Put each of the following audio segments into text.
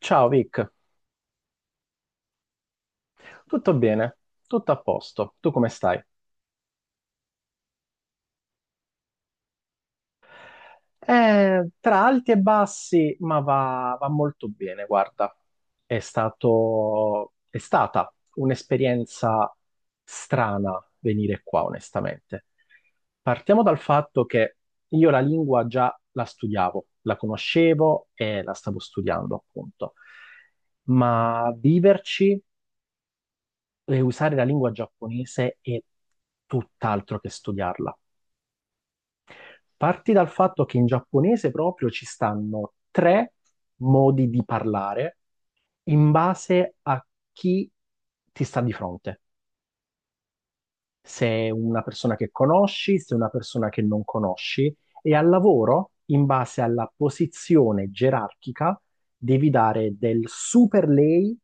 Ciao Vic, tutto bene, tutto a posto, tu come stai? Tra alti e bassi, ma va molto bene, guarda, è stata un'esperienza strana venire qua, onestamente. Partiamo dal fatto che io la lingua già la studiavo, la conoscevo e la stavo studiando, appunto, ma viverci usare la lingua giapponese è tutt'altro che studiarla. Parti dal fatto che in giapponese proprio ci stanno tre modi di parlare in base a chi ti sta di fronte. Se è una persona che conosci, se è una persona che non conosci, e al lavoro, in base alla posizione gerarchica, devi dare del super lei,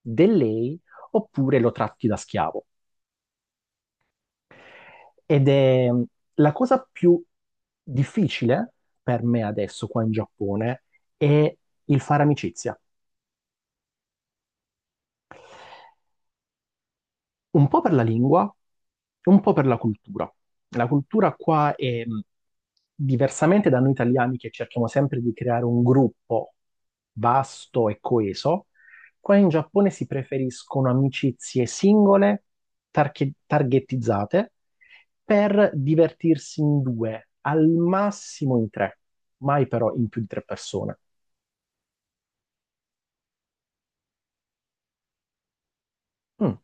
del lei, oppure lo tratti da schiavo. Ed è la cosa più difficile per me adesso qua in Giappone è il fare amicizia. Un po' per la lingua e un po' per la cultura. La cultura qua è diversamente da noi italiani che cerchiamo sempre di creare un gruppo vasto e coeso, qua in Giappone si preferiscono amicizie singole, targettizzate, per divertirsi in due, al massimo in tre, mai però in più di tre persone. Mm,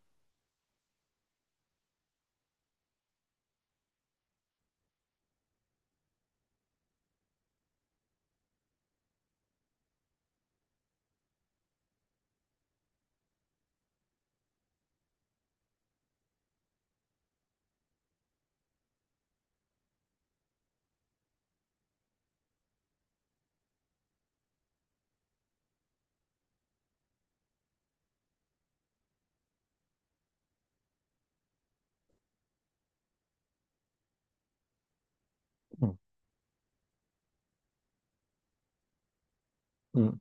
mm, mm.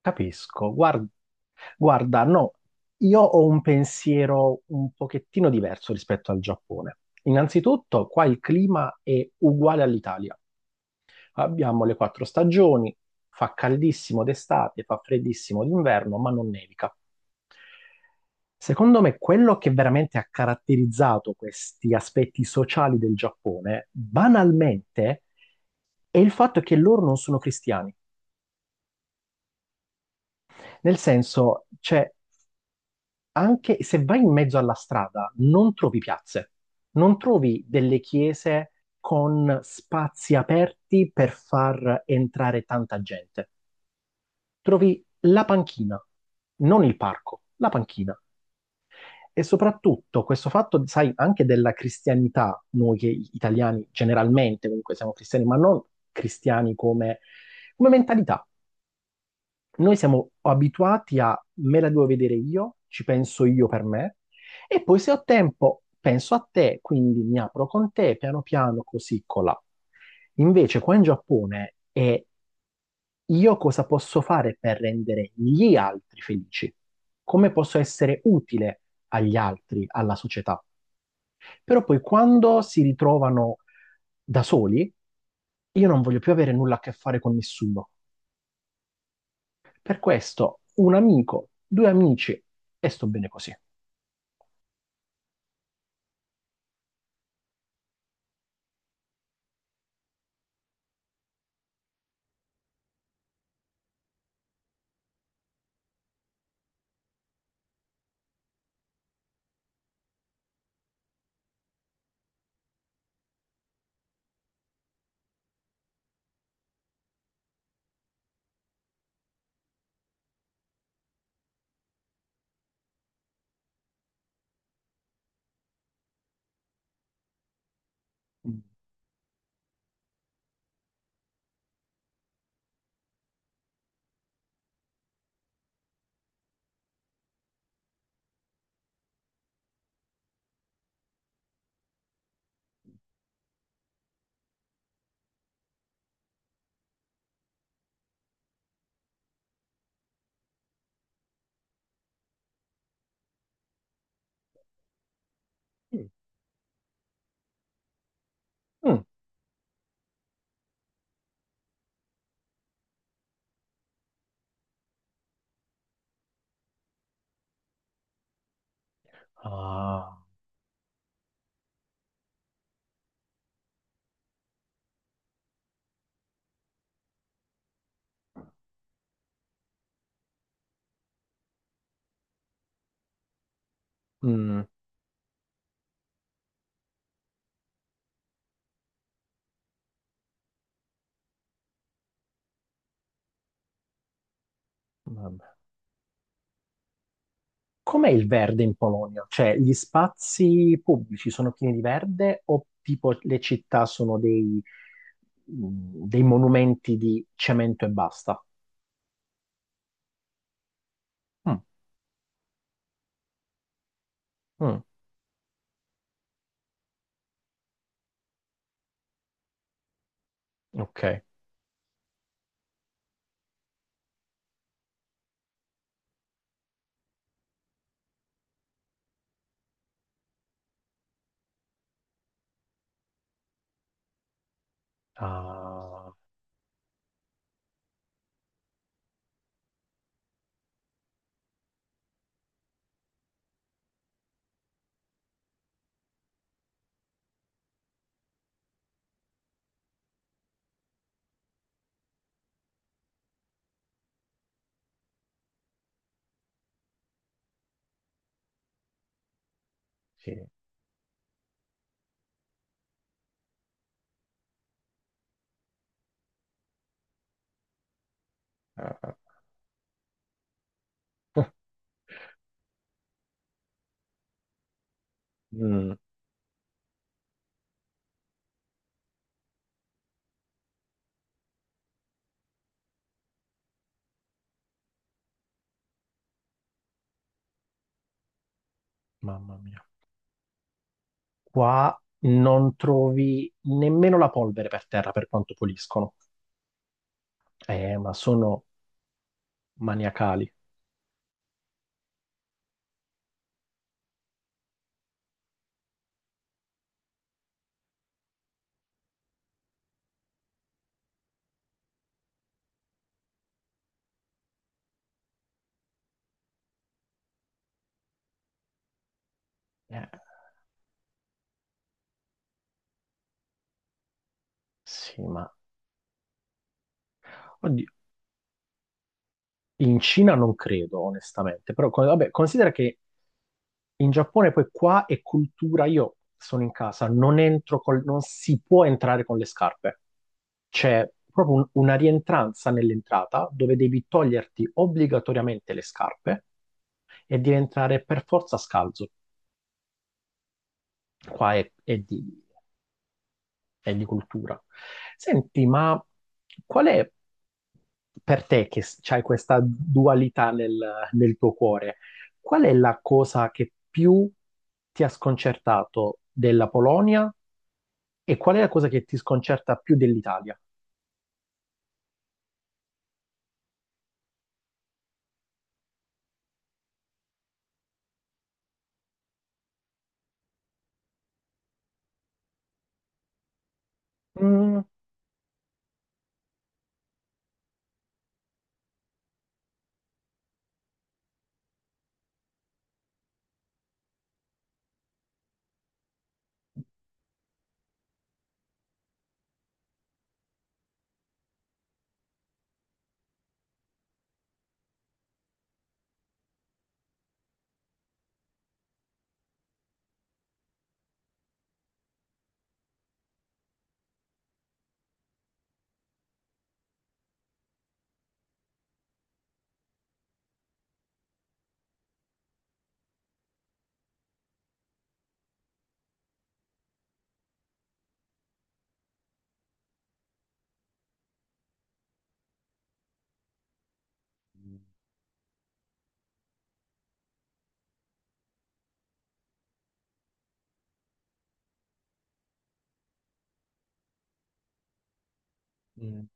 Capisco. Guarda, guarda, no, io ho un pensiero un pochettino diverso rispetto al Giappone. Innanzitutto, qua il clima è uguale all'Italia. Abbiamo le quattro stagioni, fa caldissimo d'estate, fa freddissimo d'inverno, ma non nevica. Secondo me, quello che veramente ha caratterizzato questi aspetti sociali del Giappone, banalmente, è il fatto che loro non sono cristiani. Nel senso, c'è anche se vai in mezzo alla strada, non trovi piazze, non trovi delle chiese con spazi aperti per far entrare tanta gente. Trovi la panchina, non il parco, la panchina. E soprattutto questo fatto, sai, anche della cristianità, noi che italiani generalmente comunque siamo cristiani, ma non cristiani come mentalità noi siamo abituati a me la devo vedere io, ci penso io per me, e poi se ho tempo penso a te, quindi mi apro con te piano piano così colà. Invece qua in Giappone è io cosa posso fare per rendere gli altri felici? Come posso essere utile agli altri, alla società? Però poi quando si ritrovano da soli, io non voglio più avere nulla a che fare con nessuno. Per questo, un amico, due amici e sto bene così. Mm. Mm. Ah, mm, vabbè. Com'è il verde in Polonia? Cioè, gli spazi pubblici sono pieni di verde o tipo le città sono dei monumenti di cemento e basta? Mm, mm, ok. Ah, sì. Mm, Mamma mia. Qua non trovi nemmeno la polvere per terra per quanto puliscono. Ma sono maniacali. Eh, sì, ma oddio, in Cina non credo, onestamente. Però, vabbè, considera che in Giappone poi qua è cultura. Io sono in casa, non entro col- non si può entrare con le scarpe. C'è proprio una rientranza nell'entrata dove devi toglierti obbligatoriamente le scarpe e devi entrare per forza scalzo. Qua è di e di cultura. Senti, ma qual è per te che hai questa dualità nel tuo cuore? Qual è la cosa che più ti ha sconcertato della Polonia e qual è la cosa che ti sconcerta più dell'Italia? Mm, mm,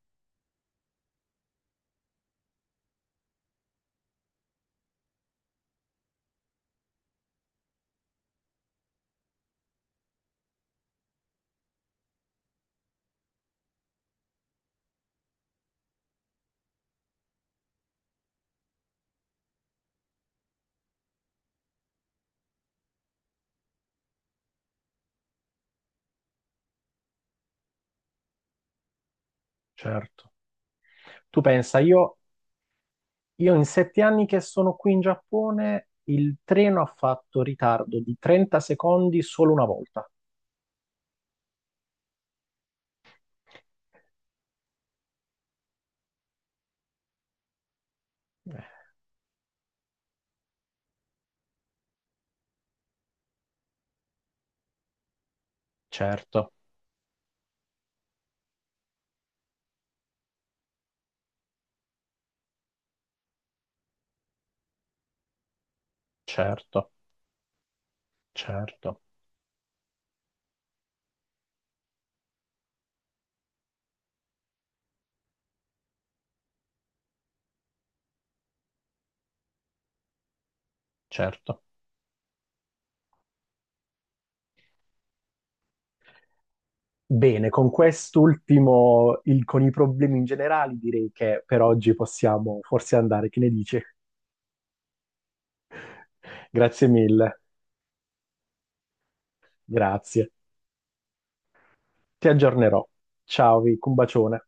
certo. Tu pensa, io in 7 anni che sono qui in Giappone, il treno ha fatto ritardo di 30 secondi solo una volta. Eh, certo. Certo, certo, certo. Bene, con quest'ultimo, con i problemi in generale, direi che per oggi possiamo forse andare. Che ne dici? Grazie mille, grazie. Ti aggiornerò. Ciao, Vic, un bacione.